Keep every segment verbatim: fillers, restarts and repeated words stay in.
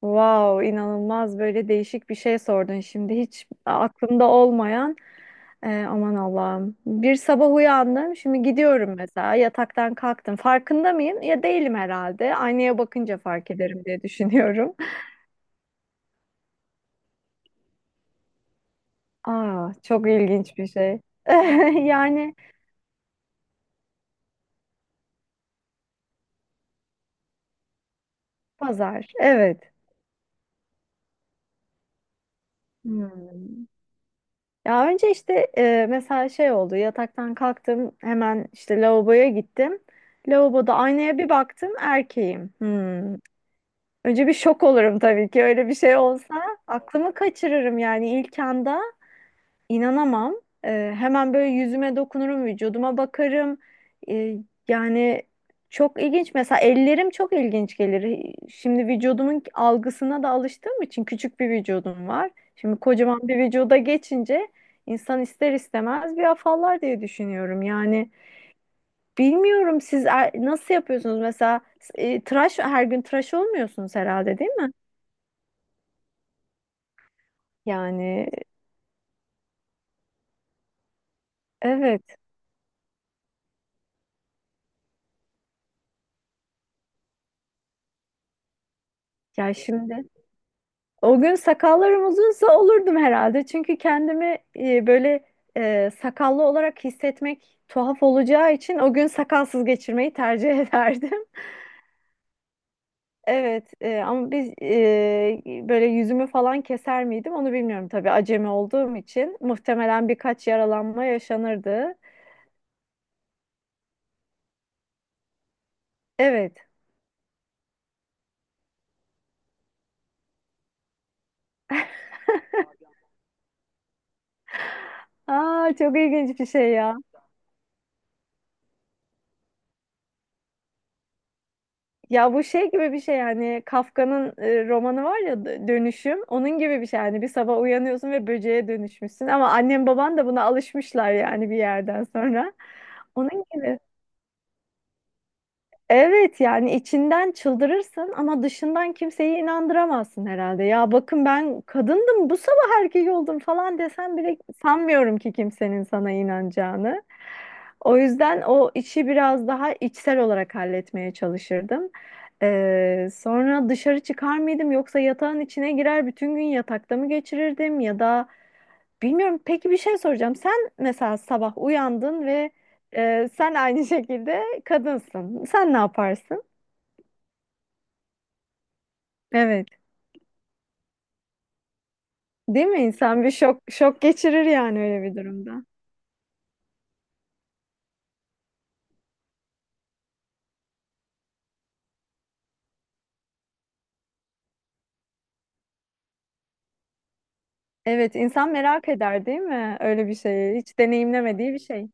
Wow, inanılmaz böyle değişik bir şey sordun şimdi hiç aklımda olmayan e, aman Allah'ım, bir sabah uyandım, şimdi gidiyorum mesela, yataktan kalktım, farkında mıyım ya? Değilim herhalde, aynaya bakınca fark ederim diye düşünüyorum. Aa çok ilginç bir şey, yani pazar, evet. Hmm. Ya önce işte e, mesela şey oldu, yataktan kalktım, hemen işte lavaboya gittim, lavaboda aynaya bir baktım, erkeğim. Hmm. Önce bir şok olurum tabii ki öyle bir şey olsa. Aklımı kaçırırım yani ilk anda, inanamam. Ee, hemen böyle yüzüme dokunurum, vücuduma bakarım. Ee, Yani çok ilginç. Mesela ellerim çok ilginç gelir. Şimdi vücudumun algısına da alıştığım için küçük bir vücudum var. Şimdi kocaman bir vücuda geçince insan ister istemez bir afallar diye düşünüyorum. Yani bilmiyorum, siz er- nasıl yapıyorsunuz? Mesela e, tıraş, her gün tıraş olmuyorsunuz herhalde değil mi? Yani evet, ya şimdi o gün sakallarım uzunsa olurdum herhalde. Çünkü kendimi e, böyle e, sakallı olarak hissetmek tuhaf olacağı için o gün sakalsız geçirmeyi tercih ederdim. Evet, e, ama biz, e, böyle yüzümü falan keser miydim onu bilmiyorum tabii, acemi olduğum için. Muhtemelen birkaç yaralanma yaşanırdı. Evet. Aa çok ilginç bir şey ya. Ya bu şey gibi bir şey yani, Kafka'nın e, romanı var ya, D- Dönüşüm. Onun gibi bir şey yani, bir sabah uyanıyorsun ve böceğe dönüşmüşsün, ama annem baban da buna alışmışlar yani bir yerden sonra. Onun gibi. Evet yani içinden çıldırırsın ama dışından kimseyi inandıramazsın herhalde. Ya bakın, ben kadındım bu sabah erkek oldum falan desen bile sanmıyorum ki kimsenin sana inanacağını. O yüzden o işi biraz daha içsel olarak halletmeye çalışırdım. Ee, sonra dışarı çıkar mıydım yoksa yatağın içine girer bütün gün yatakta mı geçirirdim ya da bilmiyorum. Peki bir şey soracağım. Sen mesela sabah uyandın ve e, sen aynı şekilde kadınsın. Sen ne yaparsın? Evet. Değil mi? İnsan bir şok şok geçirir yani öyle bir durumda. Evet, insan merak eder değil mi? Öyle bir şeyi. Hiç deneyimlemediği bir şey.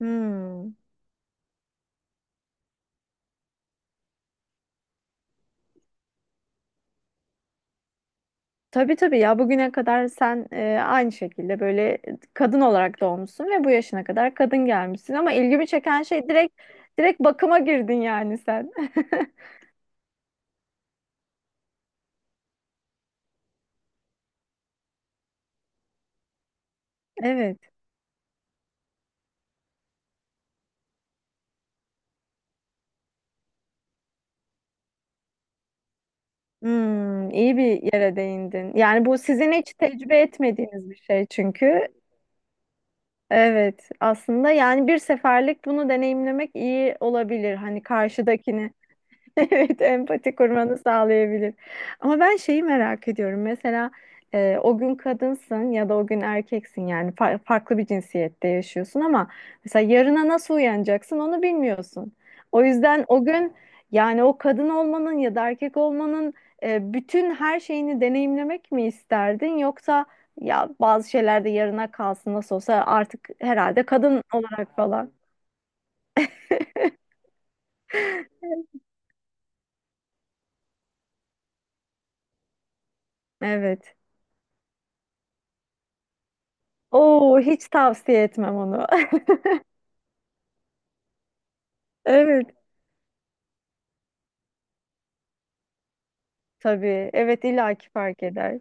Hmm. Tabii tabii, ya bugüne kadar sen e, aynı şekilde böyle kadın olarak doğmuşsun ve bu yaşına kadar kadın gelmişsin, ama ilgimi çeken şey direkt direkt bakıma girdin yani sen. Evet. Hmm, iyi bir yere değindin. Yani bu sizin hiç tecrübe etmediğiniz bir şey çünkü. Evet, aslında yani bir seferlik bunu deneyimlemek iyi olabilir. Hani karşıdakini evet, empati kurmanı sağlayabilir. Ama ben şeyi merak ediyorum. Mesela, e, o gün kadınsın ya da o gün erkeksin, yani fa- farklı bir cinsiyette yaşıyorsun, ama mesela yarına nasıl uyanacaksın onu bilmiyorsun. O yüzden o gün yani o kadın olmanın ya da erkek olmanın e, bütün her şeyini deneyimlemek mi isterdin, yoksa ya bazı şeyler de yarına kalsın nasıl olsa, artık herhalde kadın olarak falan. Evet. Oo, hiç tavsiye etmem onu. Evet tabii. Evet, illaki fark eder.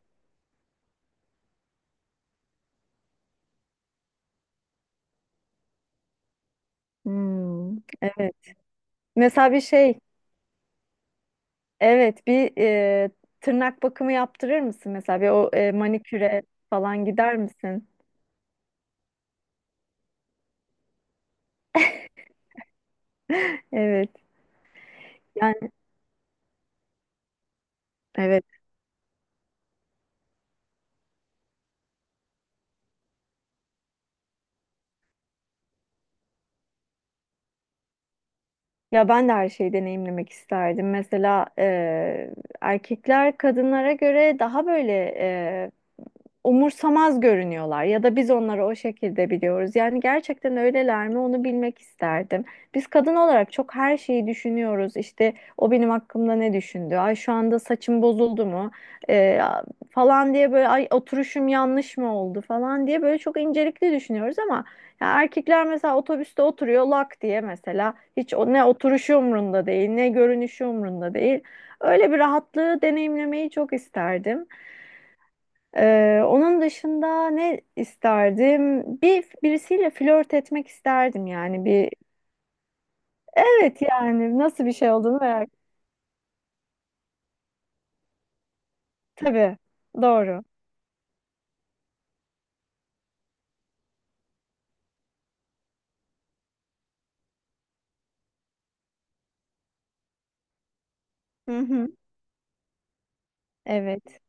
Hmm, evet. Mesela bir şey. Evet bir, e, tırnak bakımı yaptırır mısın mesela, bir o e, maniküre falan gider misin? Evet. Yani evet. Ya ben de her şeyi deneyimlemek isterdim. Mesela e, erkekler kadınlara göre daha böyle umursamaz görünüyorlar, ya da biz onları o şekilde biliyoruz. Yani gerçekten öyleler mi onu bilmek isterdim. Biz kadın olarak çok her şeyi düşünüyoruz. İşte o benim hakkımda ne düşündü? Ay, şu anda saçım bozuldu mu? Ee, Falan diye, böyle ay oturuşum yanlış mı oldu falan diye böyle çok incelikli düşünüyoruz, ama ya erkekler mesela otobüste oturuyor lak diye, mesela hiç o, ne oturuşu umrunda değil ne görünüşü umrunda değil. Öyle bir rahatlığı deneyimlemeyi çok isterdim. Ee, onun dışında ne isterdim? Bir birisiyle flört etmek isterdim yani bir. Evet yani nasıl bir şey olduğunu merak. Tabii. Doğru. Hı hı. Evet.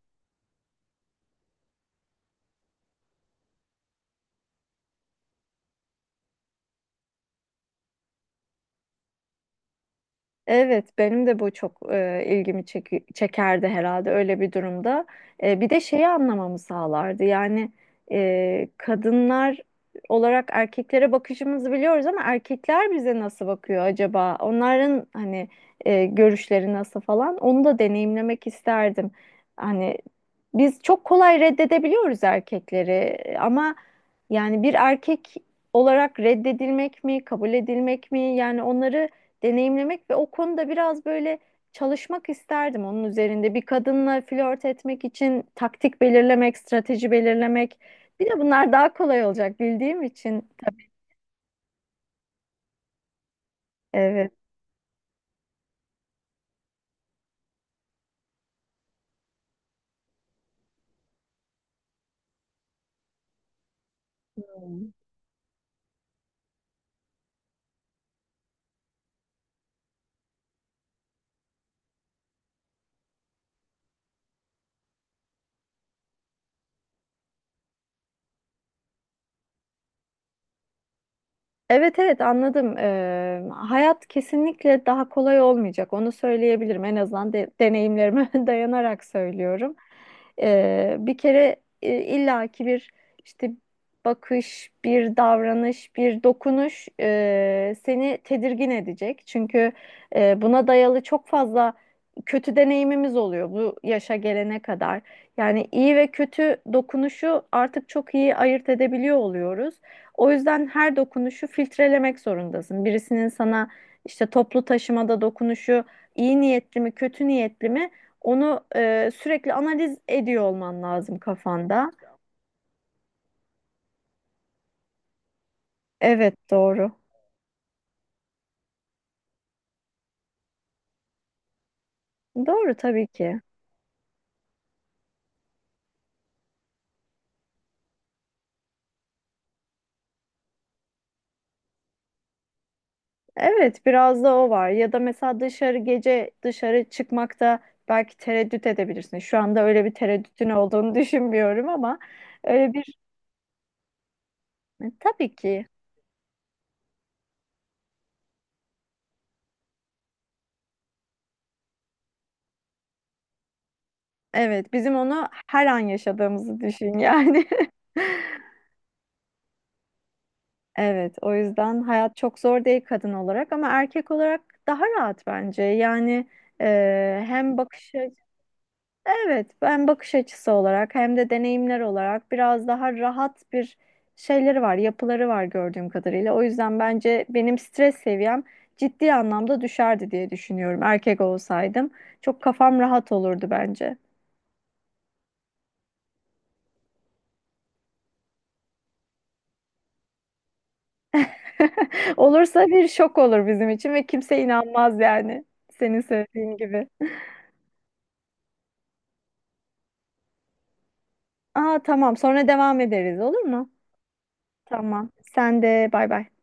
Evet, benim de bu çok e, ilgimi çeki- çekerdi herhalde öyle bir durumda. E, bir de şeyi anlamamı sağlardı. Yani e, kadınlar olarak erkeklere bakışımızı biliyoruz, ama erkekler bize nasıl bakıyor acaba? Onların hani e, görüşleri nasıl falan onu da deneyimlemek isterdim. Hani biz çok kolay reddedebiliyoruz erkekleri, ama yani bir erkek olarak reddedilmek mi, kabul edilmek mi? Yani onları deneyimlemek ve o konuda biraz böyle çalışmak isterdim onun üzerinde. Bir kadınla flört etmek için taktik belirlemek, strateji belirlemek. Bir de bunlar daha kolay olacak bildiğim için. Evet. Evet evet anladım. Ee, hayat kesinlikle daha kolay olmayacak. Onu söyleyebilirim. En azından de- deneyimlerime dayanarak söylüyorum. Ee, bir kere e, illaki bir işte bakış, bir davranış, bir dokunuş, e, seni tedirgin edecek. Çünkü e, buna dayalı çok fazla kötü deneyimimiz oluyor bu yaşa gelene kadar. Yani iyi ve kötü dokunuşu artık çok iyi ayırt edebiliyor oluyoruz. O yüzden her dokunuşu filtrelemek zorundasın. Birisinin sana işte toplu taşımada dokunuşu iyi niyetli mi, kötü niyetli mi, onu e, sürekli analiz ediyor olman lazım kafanda. Evet doğru. Doğru tabii ki. Evet, biraz da o var. Ya da mesela dışarı, gece dışarı çıkmakta belki tereddüt edebilirsin. Şu anda öyle bir tereddütün olduğunu düşünmüyorum, ama öyle bir tabii ki. Evet, bizim onu her an yaşadığımızı düşün yani. Evet, o yüzden hayat çok zor değil kadın olarak, ama erkek olarak daha rahat bence. Yani e, hem bakış açı- evet, hem bakış açısı olarak hem de deneyimler olarak biraz daha rahat bir şeyleri var, yapıları var gördüğüm kadarıyla. O yüzden bence benim stres seviyem ciddi anlamda düşerdi diye düşünüyorum. Erkek olsaydım çok kafam rahat olurdu bence. Olursa bir şok olur bizim için ve kimse inanmaz yani senin söylediğin gibi. Aa tamam. Sonra devam ederiz olur mu? Tamam. Sen de bay bay.